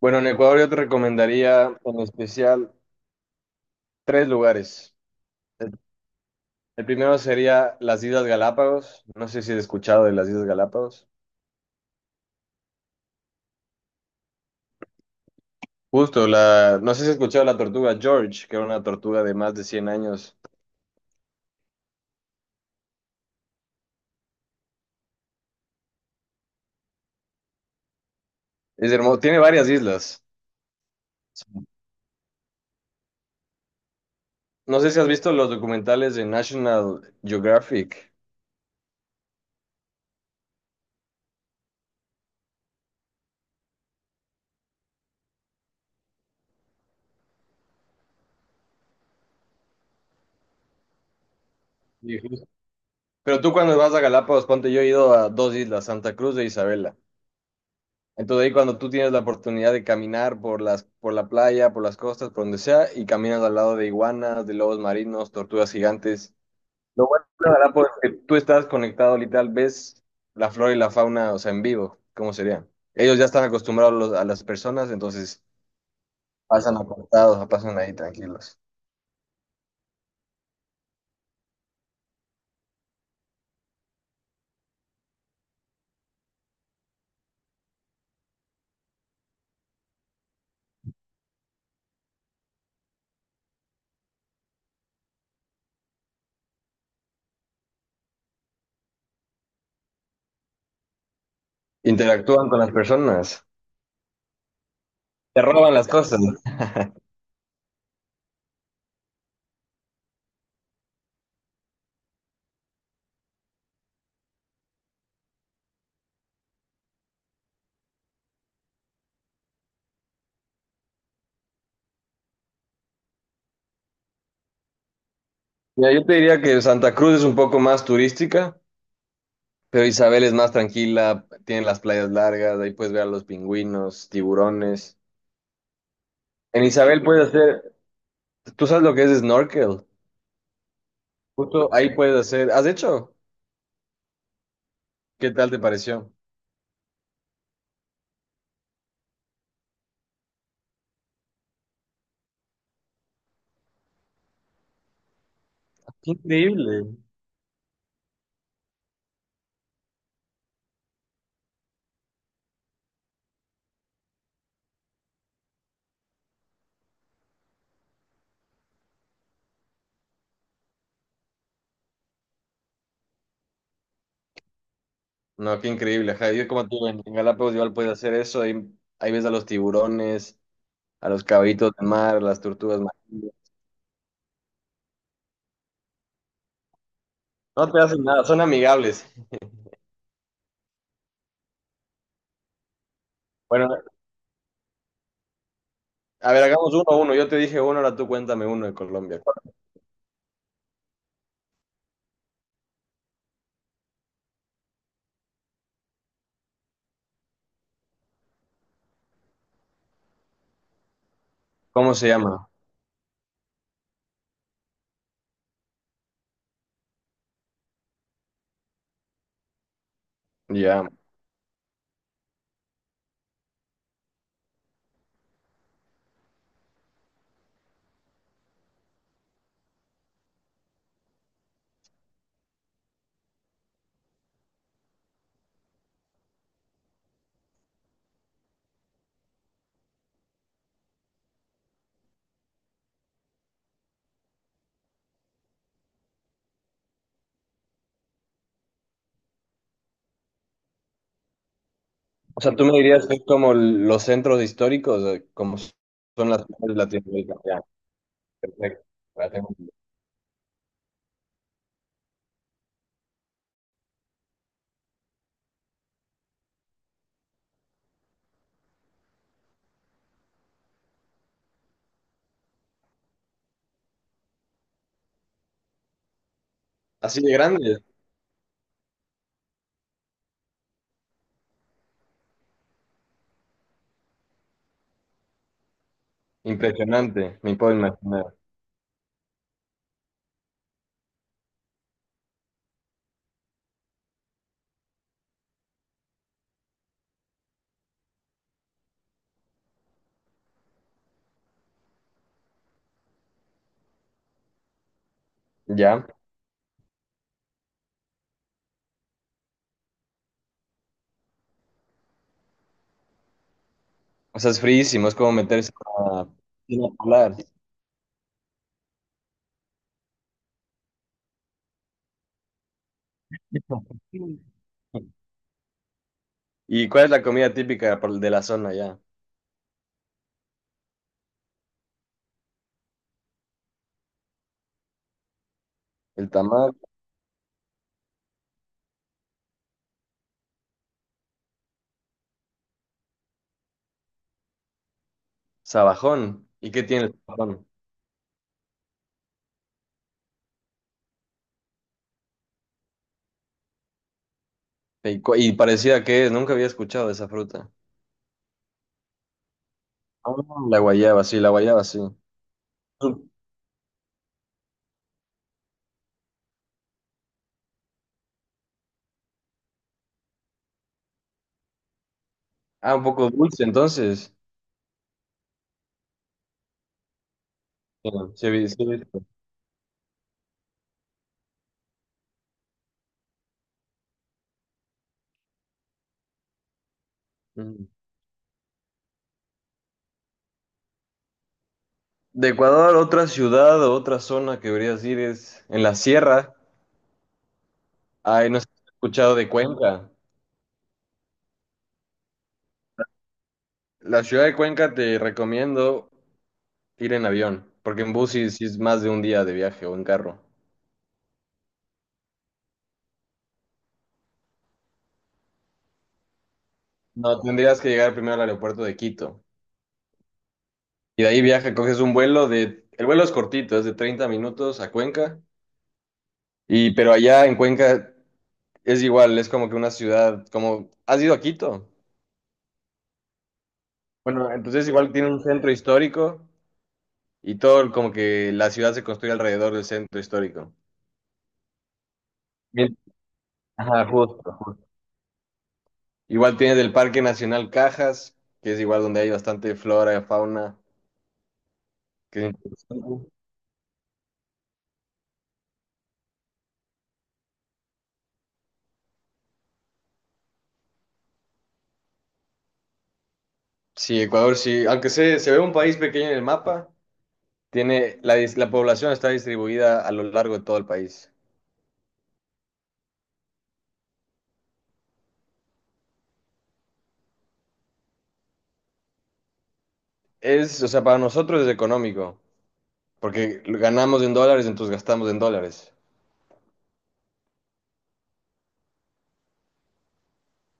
Bueno, en Ecuador yo te recomendaría en especial tres lugares. El, el primero sería las Islas Galápagos. No sé si has escuchado de las Islas Galápagos. Justo, no sé si has escuchado la tortuga George, que era una tortuga de más de 100 años. Es hermoso, tiene varias islas. No sé si has visto los documentales de National Geographic. Sí, justo. Pero tú cuando vas a Galápagos, ponte, yo he ido a 2 islas, Santa Cruz e Isabela. Entonces ahí cuando tú tienes la oportunidad de caminar por por la playa, por las costas, por donde sea, y caminas al lado de iguanas, de lobos marinos, tortugas gigantes. Lo bueno de la Galápagos es que tú estás conectado literal, ves la flora y la fauna, o sea, en vivo, ¿cómo sería? Ellos ya están acostumbrados los- a las personas, entonces pasan apartados, pasan ahí tranquilos. Interactúan con las personas, te roban las cosas. Mira, yo te diría que Santa Cruz es un poco más turística, pero Isabel es más tranquila, tiene las playas largas, ahí puedes ver a los pingüinos, tiburones. En Isabel puedes hacer, tú sabes lo que es snorkel, justo ahí puedes hacer, ¿has hecho? ¿Qué tal te pareció? Qué increíble. No, qué increíble, ajá, yo como tú en Galápagos igual puedes hacer eso, ahí, ahí ves a los tiburones, a los caballitos de mar, a las tortugas marinas. No te hacen nada, son amigables. Bueno, a ver, hagamos uno a uno, yo te dije uno, ahora tú cuéntame uno de Colombia. ¿Cómo se llama? Ya. O sea, tú me dirías que es como los centros históricos, como son las ciudades latinoamericanas. Ya, perfecto. Ya tengo- Así de grande, impresionante, me puedo imaginar. Ya. O sea, es friísimo, es como meterse a piscina polar. ¿Y cuál es la comida típica por- de la zona ya? El tamal, sabajón. ¿Y qué tiene el sabajón? ¿Y, cu- y parecida que es? Nunca había escuchado de esa fruta. Ah, la guayaba, sí, la guayaba, sí. Ah, un poco dulce, entonces. Sí, sí, sí. Mm. De Ecuador, otra ciudad o otra zona que deberías ir es en la sierra. Ay, no sé si has escuchado de Cuenca. La ciudad de Cuenca te recomiendo ir en avión, porque en bus sí es más de un día de viaje o en carro. No, tendrías que llegar primero al aeropuerto de Quito. Y de ahí viaja, coges un vuelo de... El vuelo es cortito, es de 30 minutos a Cuenca. Y pero allá en Cuenca es igual, es como que una ciudad, como... ¿Has ido a Quito? Bueno, entonces igual tiene un centro histórico y todo como que la ciudad se construye alrededor del centro histórico. Bien. Ajá, justo, justo. Igual tienes el Parque Nacional Cajas, que es igual donde hay bastante flora y fauna, que es interesante. Sí, Ecuador sí, aunque se ve un país pequeño en el mapa, tiene la, dis- la población está distribuida a lo largo de todo el país. Es, o sea, para nosotros es económico, porque ganamos en dólares, entonces gastamos en dólares.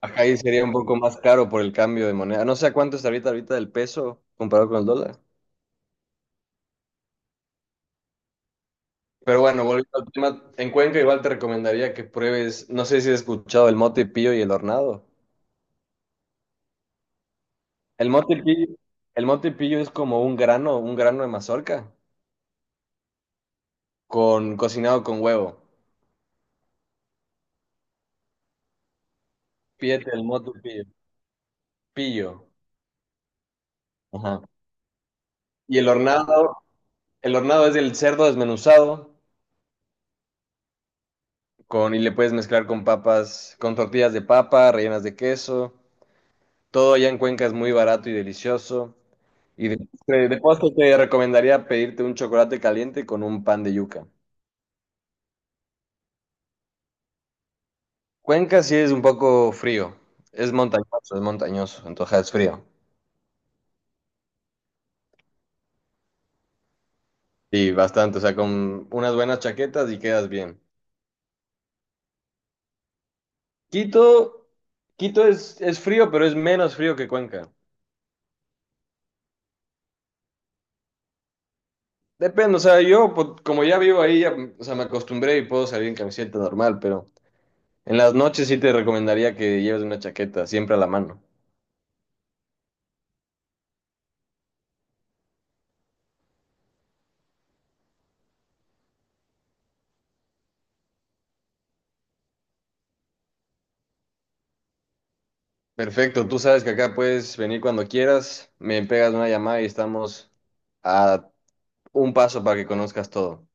Acá ahí sería un poco más caro por el cambio de moneda. No sé a cuánto está ahorita el peso comparado con el dólar. Pero bueno, volviendo al tema, en Cuenca igual te recomendaría que pruebes, no sé si has escuchado el mote pillo y el hornado. El mote pillo, el mote pillo es como un grano de mazorca con cocinado con huevo. Pídete el mote pillo, pillo. Ajá. Y el hornado es el cerdo desmenuzado con y le puedes mezclar con papas, con tortillas de papa, rellenas de queso. Todo allá en Cuenca es muy barato y delicioso. Y de postre te recomendaría pedirte un chocolate caliente con un pan de yuca. Cuenca sí es un poco frío, es montañoso, entonces es frío. Y bastante, o sea, con unas buenas chaquetas y quedas bien. Quito, Quito es frío, pero es menos frío que Cuenca. Depende, o sea, yo po- como ya vivo ahí, ya, o sea, me acostumbré y puedo salir en camiseta normal, pero en las noches sí te recomendaría que lleves una chaqueta, siempre a la mano. Perfecto, tú sabes que acá puedes venir cuando quieras, me pegas una llamada y estamos a un paso para que conozcas todo.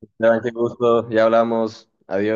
Esteban, qué gusto. Ya hablamos. Adiós.